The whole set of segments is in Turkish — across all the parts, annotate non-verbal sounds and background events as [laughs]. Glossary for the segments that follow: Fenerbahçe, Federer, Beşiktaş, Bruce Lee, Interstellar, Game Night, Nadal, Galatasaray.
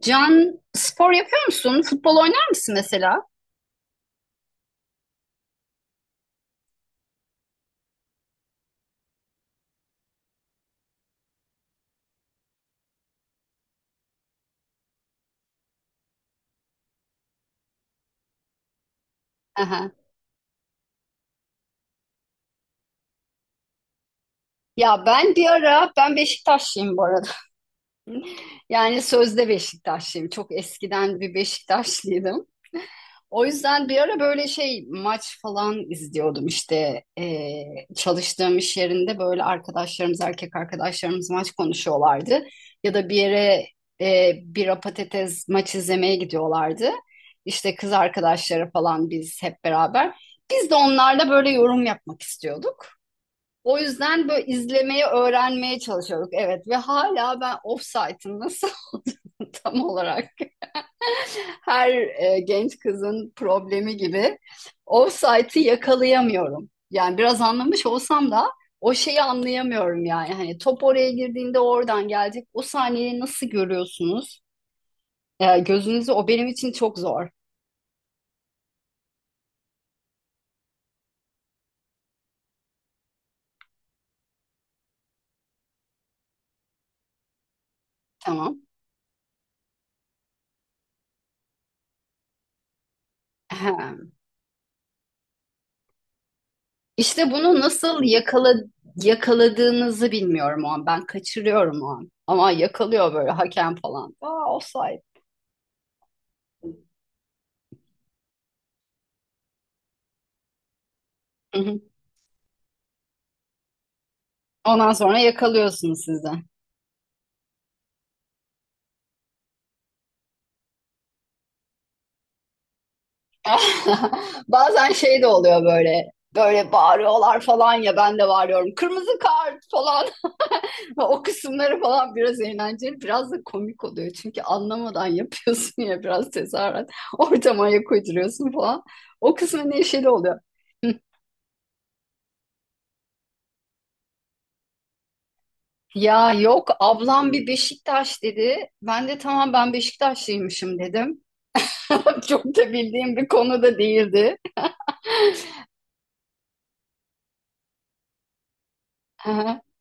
Can spor yapıyor musun? Futbol oynar mısın mesela? Aha. Ya ben bir ara ben Beşiktaşlıyım bu arada. [laughs] Yani sözde Beşiktaşlıyım. Çok eskiden bir Beşiktaşlıydım. O yüzden bir ara böyle şey maç falan izliyordum işte. Çalıştığım iş yerinde böyle arkadaşlarımız erkek arkadaşlarımız maç konuşuyorlardı ya da bir yere bira patates maç izlemeye gidiyorlardı işte kız arkadaşları falan biz hep beraber biz de onlarla böyle yorum yapmak istiyorduk. O yüzden böyle izlemeyi öğrenmeye çalışıyorduk, evet, ve hala ben ofsaytın nasıl [laughs] olduğunu tam olarak [laughs] her genç kızın problemi gibi offside'ı yakalayamıyorum. Yani biraz anlamış olsam da o şeyi anlayamıyorum yani. Hani top oraya girdiğinde oradan gelecek. O saniyeyi nasıl görüyorsunuz? Gözünüzü o benim için çok zor. Tamam. Ahem. İşte bunu nasıl yakaladığınızı bilmiyorum o an. Ben kaçırıyorum o an. Ama yakalıyor böyle hakem falan. Aa offside. Hı hı. Ondan sonra yakalıyorsunuz siz de. [laughs] Bazen şey de oluyor böyle. Böyle bağırıyorlar falan ya ben de bağırıyorum. Kırmızı kart falan. [laughs] O kısımları falan biraz eğlenceli, biraz da komik oluyor. Çünkü anlamadan [laughs] yapıyorsun ya biraz tezahürat. [laughs] Ortama ayak uyduruyorsun falan. O kısmı neşeli oluyor. Ya yok, ablam bir Beşiktaş dedi. Ben de tamam, ben Beşiktaşlıymışım dedim. [laughs] Çok da bildiğim bir konu da değildi. [laughs]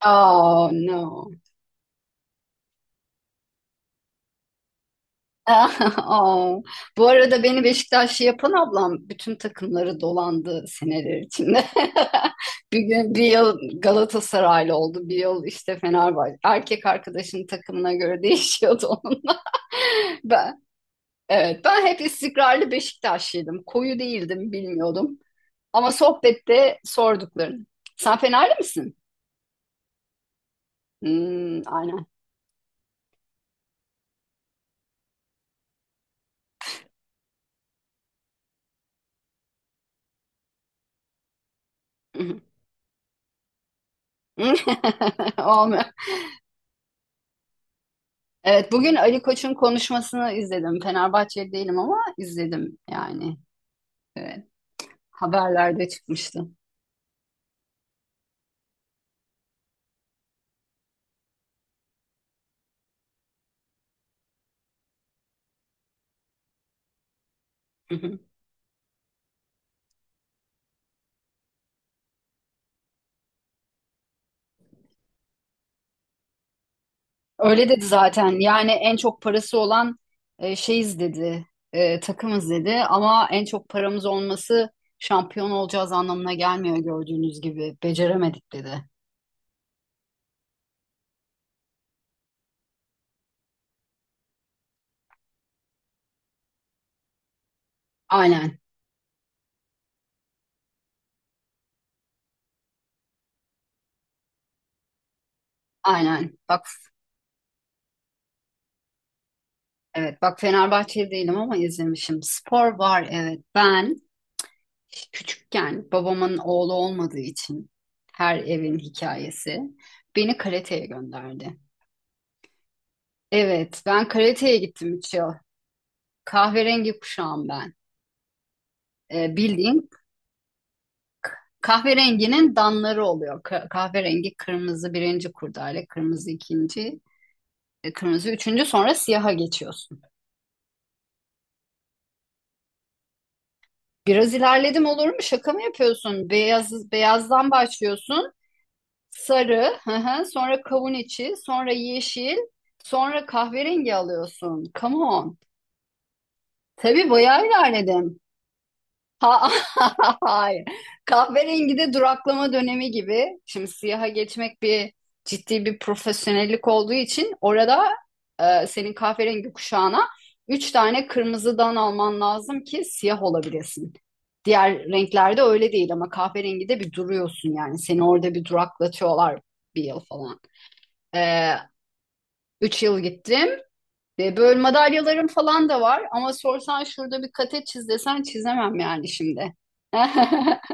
Oh no. [laughs] Aa, bu arada beni Beşiktaşlı yapan ablam bütün takımları dolandı seneler içinde. [laughs] Bir gün bir yıl Galatasaraylı oldu, bir yıl işte Fenerbahçe. Erkek arkadaşının takımına göre [laughs] değişiyordu onun. Ben, evet, ben hep istikrarlı Beşiktaşlıydım. Koyu değildim, bilmiyordum. Ama sohbette sorduklarını. Sen Fenerli misin? Hmm, aynen. [laughs] Olmuyor. Evet, bugün Ali Koç'un konuşmasını izledim. Fenerbahçeli değilim ama izledim yani. Evet, haberlerde çıkmıştı. Hı hı. Öyle dedi zaten. Yani en çok parası olan şeyiz dedi, takımız dedi. Ama en çok paramız olması şampiyon olacağız anlamına gelmiyor gördüğünüz gibi. Beceremedik dedi. Aynen, aynen. Evet, bak, Fenerbahçeli değilim ama izlemişim. Spor var, evet. Ben küçükken babamın oğlu olmadığı için her evin hikayesi beni karateye gönderdi. Evet, ben karateye gittim 3 yıl. Kahverengi kuşağım ben. Bildiğin kahverenginin danları oluyor. Kahverengi kırmızı birinci kurdale, kırmızı ikinci, kırmızı üçüncü, sonra siyaha geçiyorsun. Biraz ilerledim olur mu? Şaka mı yapıyorsun? Beyazdan başlıyorsun. Sarı, hı hı, sonra kavun içi, sonra yeşil, sonra kahverengi alıyorsun. Come on. Tabii bayağı ilerledim. Ha, [laughs] hayır. Kahverengi de duraklama dönemi gibi. Şimdi siyaha geçmek ciddi bir profesyonellik olduğu için orada senin kahverengi kuşağına üç tane kırmızıdan alman lazım ki siyah olabilesin. Diğer renklerde öyle değil ama kahverengi de bir duruyorsun yani. Seni orada bir duraklatıyorlar bir yıl falan. Ee, üç yıl gittim. Ve böyle madalyalarım falan da var. Ama sorsan şurada bir kate çiz desen çizemem yani şimdi. [laughs]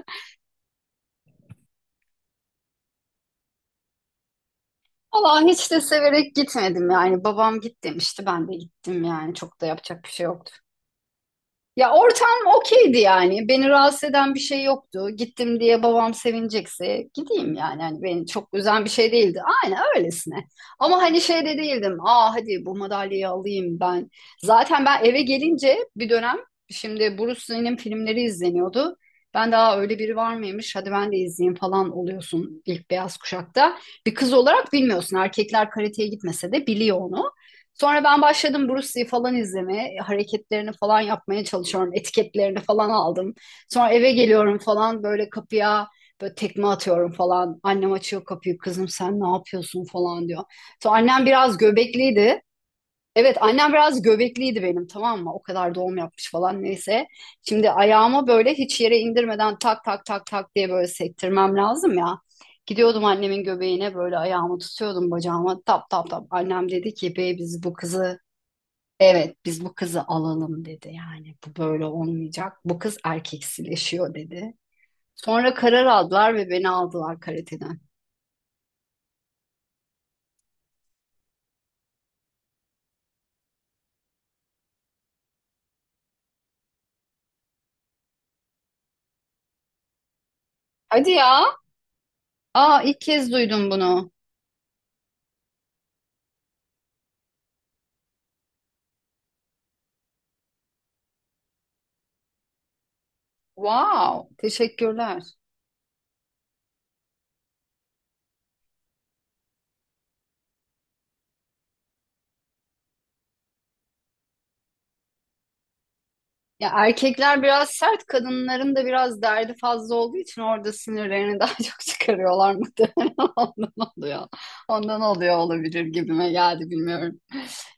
Allah hiç de severek gitmedim yani. Babam git demişti, ben de gittim yani. Çok da yapacak bir şey yoktu. Ya ortam okeydi yani. Beni rahatsız eden bir şey yoktu. Gittim diye babam sevinecekse gideyim yani. Hani beni çok üzen bir şey değildi. Aynen öylesine. Ama hani şey de değildim. Aa hadi bu madalyayı alayım ben. Zaten ben eve gelince bir dönem şimdi Bruce Lee'nin filmleri izleniyordu. Ben daha öyle biri var mıymış? Hadi ben de izleyeyim falan oluyorsun ilk beyaz kuşakta. Bir kız olarak bilmiyorsun. Erkekler karateye gitmese de biliyor onu. Sonra ben başladım Bruce Lee falan izlemeye, hareketlerini falan yapmaya çalışıyorum, etiketlerini falan aldım. Sonra eve geliyorum falan böyle kapıya böyle tekme atıyorum falan. Annem açıyor kapıyı, kızım sen ne yapıyorsun falan diyor. Sonra annem biraz göbekliydi. Evet, annem biraz göbekliydi benim, tamam mı? O kadar doğum yapmış falan neyse. Şimdi ayağımı böyle hiç yere indirmeden tak tak tak tak diye böyle sektirmem lazım ya. Gidiyordum annemin göbeğine böyle ayağımı tutuyordum bacağıma tap tap tap. Annem dedi ki bey biz bu kızı evet biz bu kızı alalım dedi yani, bu böyle olmayacak. Bu kız erkeksileşiyor dedi. Sonra karar aldılar ve beni aldılar karateden. Hadi ya. Aa, ilk kez duydum bunu. Wow, teşekkürler. Ya erkekler biraz sert, kadınların da biraz derdi fazla olduğu için orada sinirlerini daha [laughs] çok çıkarıyorlar muhtemelen. [laughs] Ondan oluyor. Ondan oluyor olabilir gibime geldi, bilmiyorum.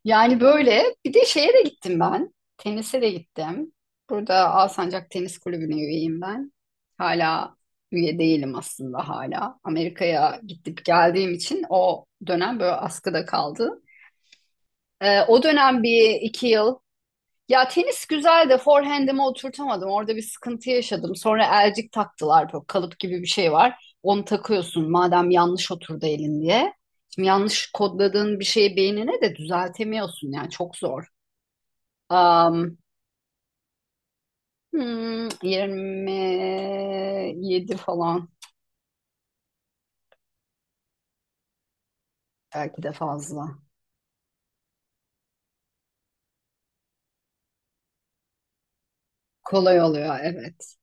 Yani böyle bir de şeye de gittim ben. Tenise de gittim. Burada Alsancak Tenis Kulübü'ne üyeyim ben. Hala üye değilim aslında hala. Amerika'ya gidip geldiğim için o dönem böyle askıda kaldı. O dönem bir iki yıl ya, tenis güzel de forehand'imi oturtamadım. Orada bir sıkıntı yaşadım. Sonra elcik taktılar. Böyle kalıp gibi bir şey var. Onu takıyorsun madem yanlış oturdu elin diye. Şimdi yanlış kodladığın bir şeyi beynine de düzeltemiyorsun. Yani çok zor. Am, 27 falan, belki de fazla. Kolay oluyor evet.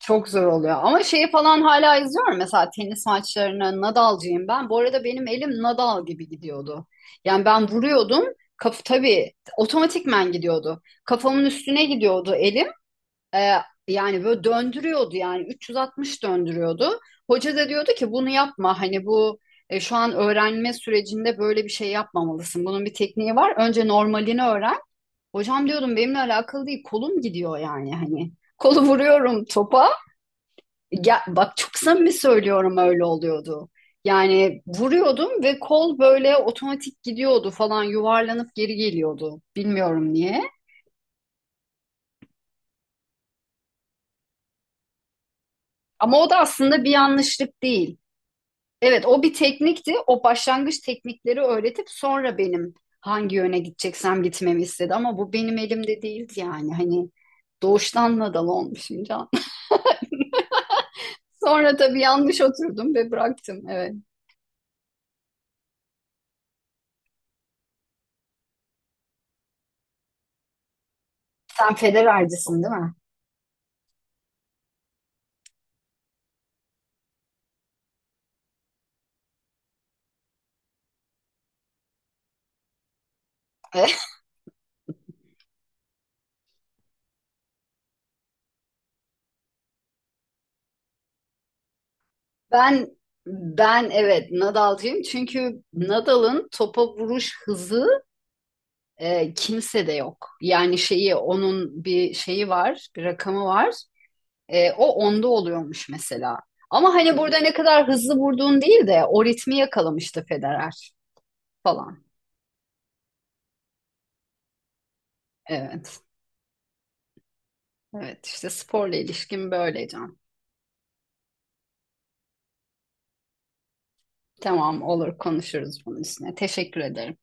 Çok zor oluyor. Ama şeyi falan hala izliyorum. Mesela tenis maçlarını Nadal'cıyım ben. Bu arada benim elim Nadal gibi gidiyordu. Yani ben vuruyordum. Kaf tabii otomatikmen gidiyordu. Kafamın üstüne gidiyordu elim. Ee, yani böyle döndürüyordu yani 360 döndürüyordu. Hoca da diyordu ki bunu yapma. Hani bu şu an öğrenme sürecinde böyle bir şey yapmamalısın. Bunun bir tekniği var. Önce normalini öğren. Hocam diyordum benimle alakalı değil. Kolum gidiyor yani hani. Kolu vuruyorum topa ya, bak, çok samimi söylüyorum öyle oluyordu. Yani vuruyordum ve kol böyle otomatik gidiyordu falan, yuvarlanıp geri geliyordu. Bilmiyorum niye. Ama o da aslında bir yanlışlık değil. Evet, o bir teknikti. O başlangıç teknikleri öğretip sonra benim hangi yöne gideceksem gitmemi istedi. Ama bu benim elimde değildi yani. Hani doğuştan nadal olmuşum can. [laughs] Sonra tabii yanlış oturdum ve bıraktım. Evet. Sen Federer'cisin değil mi? Ben ben evet Nadal'cıyım çünkü Nadal'ın topa vuruş hızı kimsede yok. Yani şeyi onun bir şeyi var, bir rakamı var. O onda oluyormuş mesela. Ama hani burada ne kadar hızlı vurduğun değil de o ritmi yakalamıştı Federer falan. Evet. Evet işte sporla ilişkim böyle Can. Tamam, olur, konuşuruz bunun üstüne. Teşekkür ederim.